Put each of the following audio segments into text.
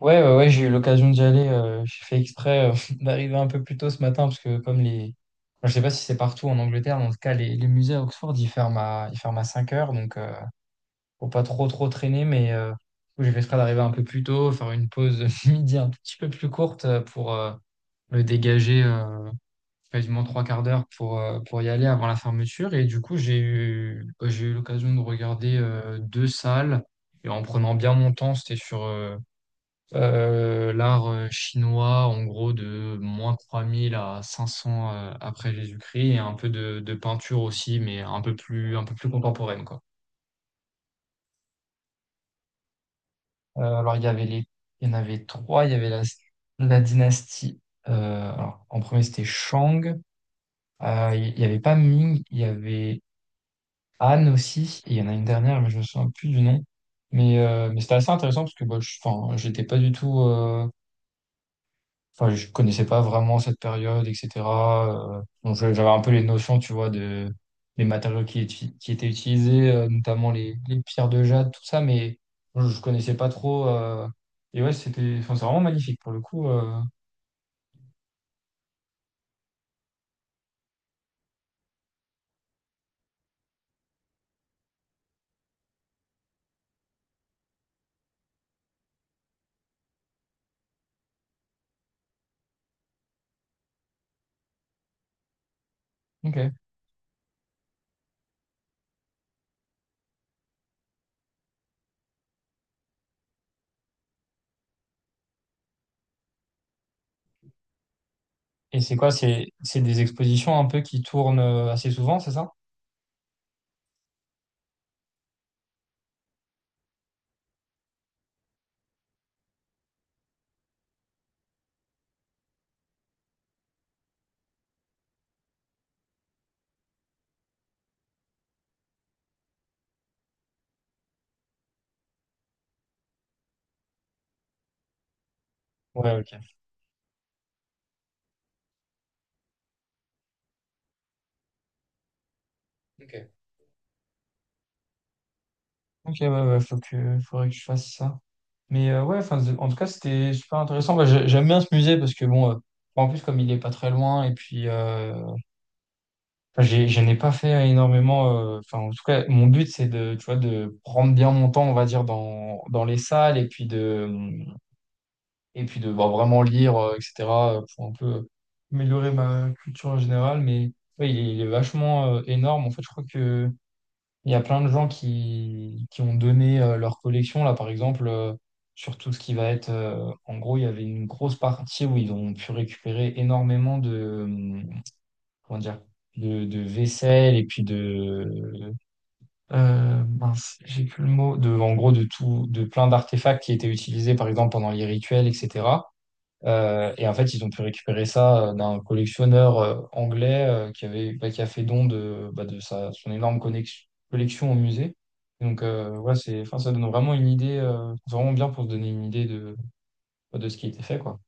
Ouais, ouais, ouais, j'ai eu l'occasion d'y aller. J'ai fait exprès d'arriver un peu plus tôt ce matin parce que Enfin, je sais pas si c'est partout en Angleterre, mais en tout cas, les musées à Oxford, ils ferment à 17 h, donc faut pas trop trop traîner, mais du coup, j'ai fait exprès d'arriver un peu plus tôt, faire une pause midi un tout petit peu plus courte pour me dégager quasiment trois quarts d'heure pour y aller avant la fermeture. Et du coup, j'ai eu l'occasion de regarder deux salles. Et en prenant bien mon temps, c'était sur l'art chinois, en gros, de -3000 à 500 après Jésus-Christ, et un peu de peinture aussi, mais un peu plus contemporaine, quoi. Alors, il y avait les, il y en avait trois. Il y avait la, la dynastie. Alors, en premier, c'était Shang. Il n'y avait pas Ming, il y avait Han aussi. Et il y en a une dernière, mais je me souviens plus du nom. Mais c'était assez intéressant parce que bah, enfin, j'étais pas du tout. Enfin, je connaissais pas vraiment cette période, etc. J'avais un peu les notions, tu vois, des matériaux qui étaient utilisés, notamment les pierres de jade, tout ça, mais je connaissais pas trop. Ouais, c'était, enfin, c'est vraiment magnifique pour le coup. Ok. Et c'est quoi? C'est des expositions un peu qui tournent assez souvent, c'est ça? Ouais, ok. Ok. Ouais, ouais, faudrait que je fasse ça. Mais ouais, enfin, en tout cas, c'était super intéressant. Moi, j'aime bien ce musée parce que bon, en plus, comme il est pas très loin, et puis enfin, je n'ai pas fait énormément. Enfin, en tout cas, mon but, c'est de, tu vois, de prendre bien mon temps, on va dire, dans les salles et puis de bah, vraiment lire, etc., pour un peu améliorer ma culture en général. Mais ouais, il est vachement énorme. En fait, je crois que il y a plein de gens qui ont donné leur collection. Là, par exemple, sur tout ce qui va être. En gros, il y avait une grosse partie où ils ont pu récupérer énormément, comment dire, de vaisselle et puis de, mince, j'ai plus le mot, de, en gros, de tout, de plein d'artefacts qui étaient utilisés, par exemple, pendant les rituels, etc. Et en fait, ils ont pu récupérer ça d'un collectionneur anglais qui avait, bah. Qui a fait don de, bah, son énorme collection au musée. Donc ouais, c'est, enfin, ça donne vraiment une idée, vraiment bien pour se donner une idée de ce qui a été fait, quoi.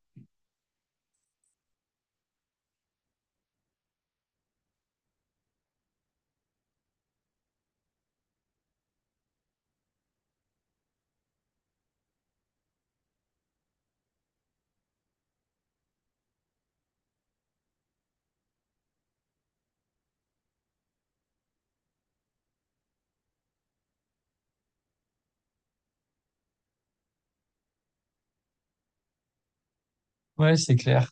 Ouais, c'est clair.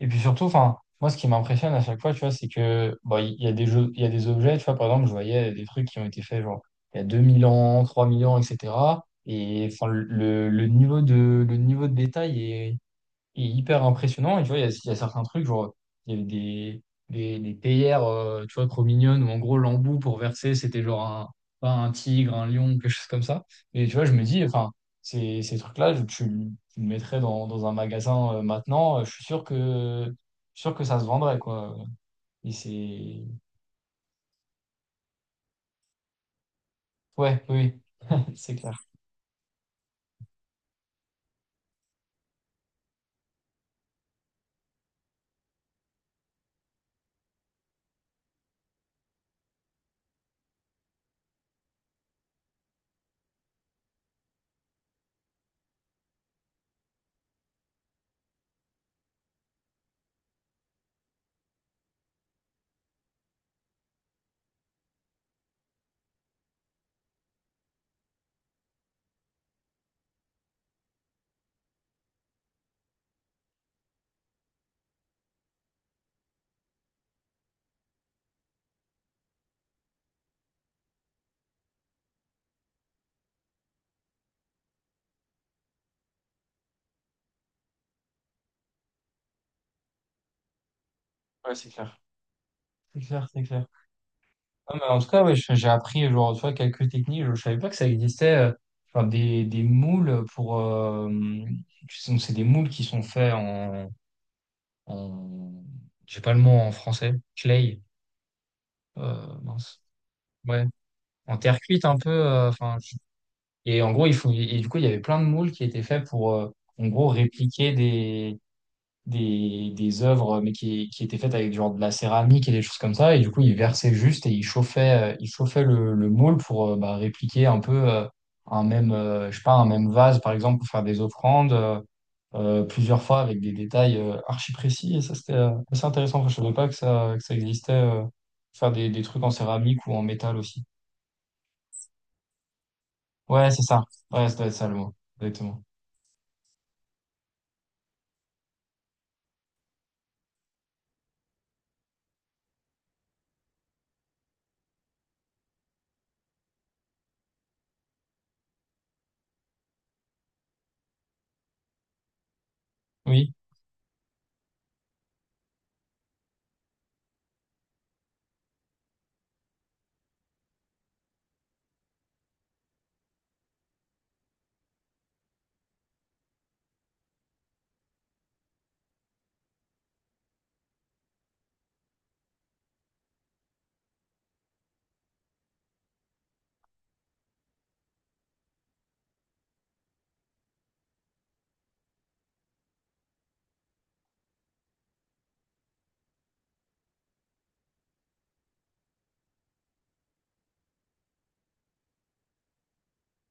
Et puis surtout, enfin, moi, ce qui m'impressionne à chaque fois, tu vois, c'est que, bon, il y a des jeux, il y a des objets, tu vois, par exemple, je voyais des trucs qui ont été faits, genre, il y a 2000 ans, 3000 ans, etc. Et, enfin, le niveau de détail est hyper impressionnant. Et tu vois, il y a certains trucs, genre, il y avait des, des théières, tu vois, trop mignonnes, où en gros, l'embout pour verser, c'était genre un, pas un tigre, un lion, quelque chose comme ça. Et tu vois, je me dis, enfin, ces trucs-là, tu le mettrais dans un magasin maintenant, je suis sûr que ça se vendrait, quoi. Et c'est. Ouais, oui, c'est clair. Ouais, c'est clair. C'est clair, c'est clair. Non, mais en tout cas, ouais, j'ai appris genre, tu vois, quelques techniques. Je ne savais pas que ça existait. Genre des moules pour. C'est des moules qui sont faits en. J'ai pas le mot en français. Clay. Mince. Ouais. En terre cuite un peu. Et en gros, et du coup, il y avait plein de moules qui étaient faits pour, en gros, répliquer des, des œuvres, mais qui étaient faites avec genre de la céramique et des choses comme ça. Et du coup, il versait juste et il chauffait le moule pour répliquer un peu un même, je sais pas, un même vase, par exemple, pour faire des offrandes plusieurs fois avec des détails archi précis. Et ça, c'était assez intéressant. Enfin, je savais pas que ça existait, faire des trucs en céramique ou en métal aussi. Ouais, c'est ça. Ouais, ça doit être ça le mot. Exactement. Oui.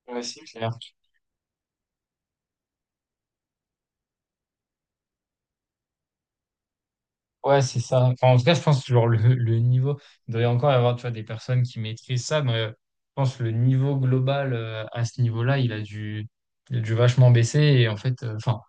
Ouais, si. Ouais, c'est ça. Enfin, en tout cas, je pense que genre, le niveau, il doit y encore y avoir tu vois, des personnes qui maîtrisent ça, mais je pense que le niveau global à ce niveau-là, il a dû vachement baisser. Et en fait, enfin,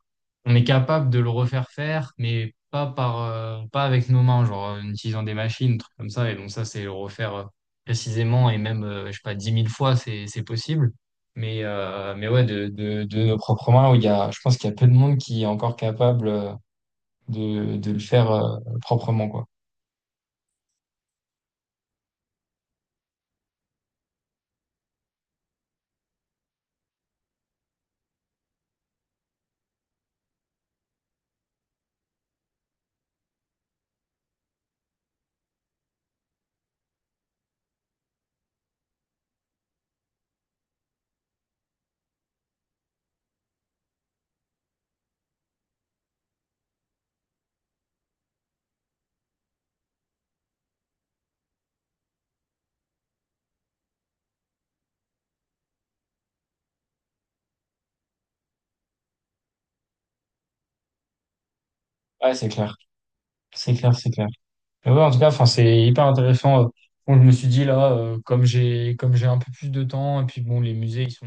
on est capable de le refaire faire, mais pas avec nos mains, genre en utilisant des machines, trucs comme ça. Et donc ça, c'est le refaire précisément et même, je sais pas, 10 000 fois, c'est possible. Mais ouais, de nos propres mains, où je pense qu'il y a peu de monde qui est encore capable. De le faire proprement, quoi. Ouais, c'est clair. C'est clair, c'est clair. Mais ouais, en tout cas, enfin, c'est hyper intéressant. Bon, je me suis dit là, comme j'ai un peu plus de temps, et puis bon, les musées, ils sont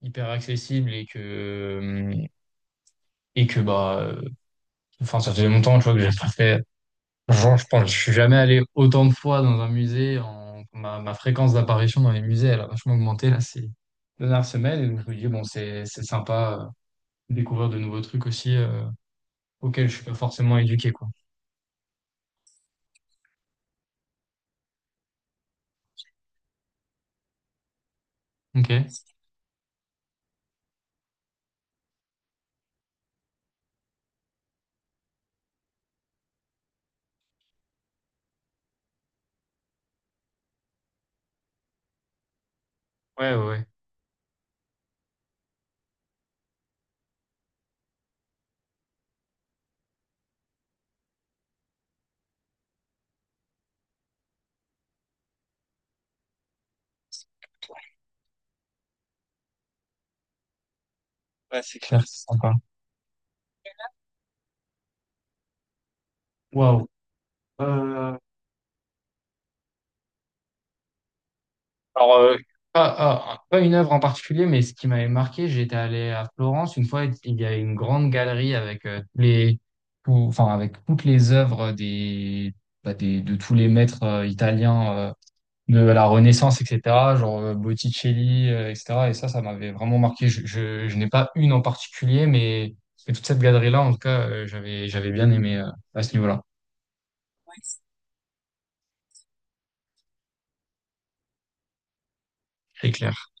hyper accessibles et que bah enfin ça faisait longtemps tu vois que j'ai pas fait, genre je pense je suis jamais allé autant de fois dans un musée, ma fréquence d'apparition dans les musées elle a vachement augmenté là ces dernières semaines et donc je me dis bon, c'est sympa de découvrir de nouveaux trucs aussi auxquels je suis pas forcément éduqué, quoi. Ok. Ouais, ouais, ouais. Ouais, c'est ça clair. Super, c'est sympa. Waouh. Euh, alors, pas une œuvre en particulier, mais ce qui m'avait marqué, j'étais allé à Florence une fois, il y avait une grande galerie avec enfin, avec toutes les œuvres des, bah, de tous les maîtres italiens de la Renaissance, etc., genre Botticelli, etc. Et ça m'avait vraiment marqué. Je n'ai pas une en particulier, mais toute cette galerie-là, en tout cas, j'avais bien aimé à ce niveau-là. C'est clair.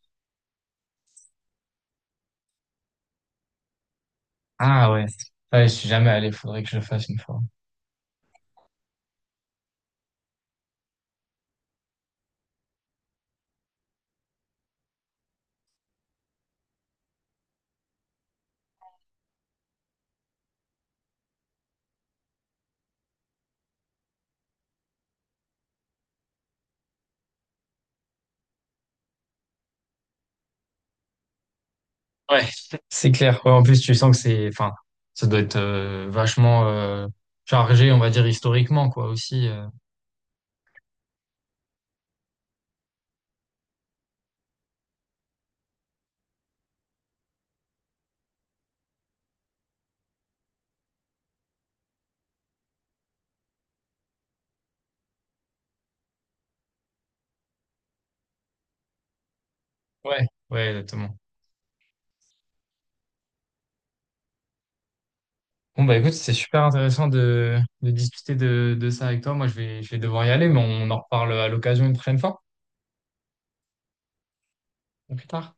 Ah ouais. Ouais, je suis jamais allé, faudrait que je le fasse une fois. Ouais. C'est clair. Ouais, en plus, tu sens que c'est, enfin, ça doit être vachement chargé, on va dire historiquement, quoi, aussi. Ouais, ouais, exactement. Bon bah écoute, c'est super intéressant de discuter de ça avec toi. Moi, je vais devoir y aller, mais on en reparle à l'occasion une prochaine fois, ou plus tard.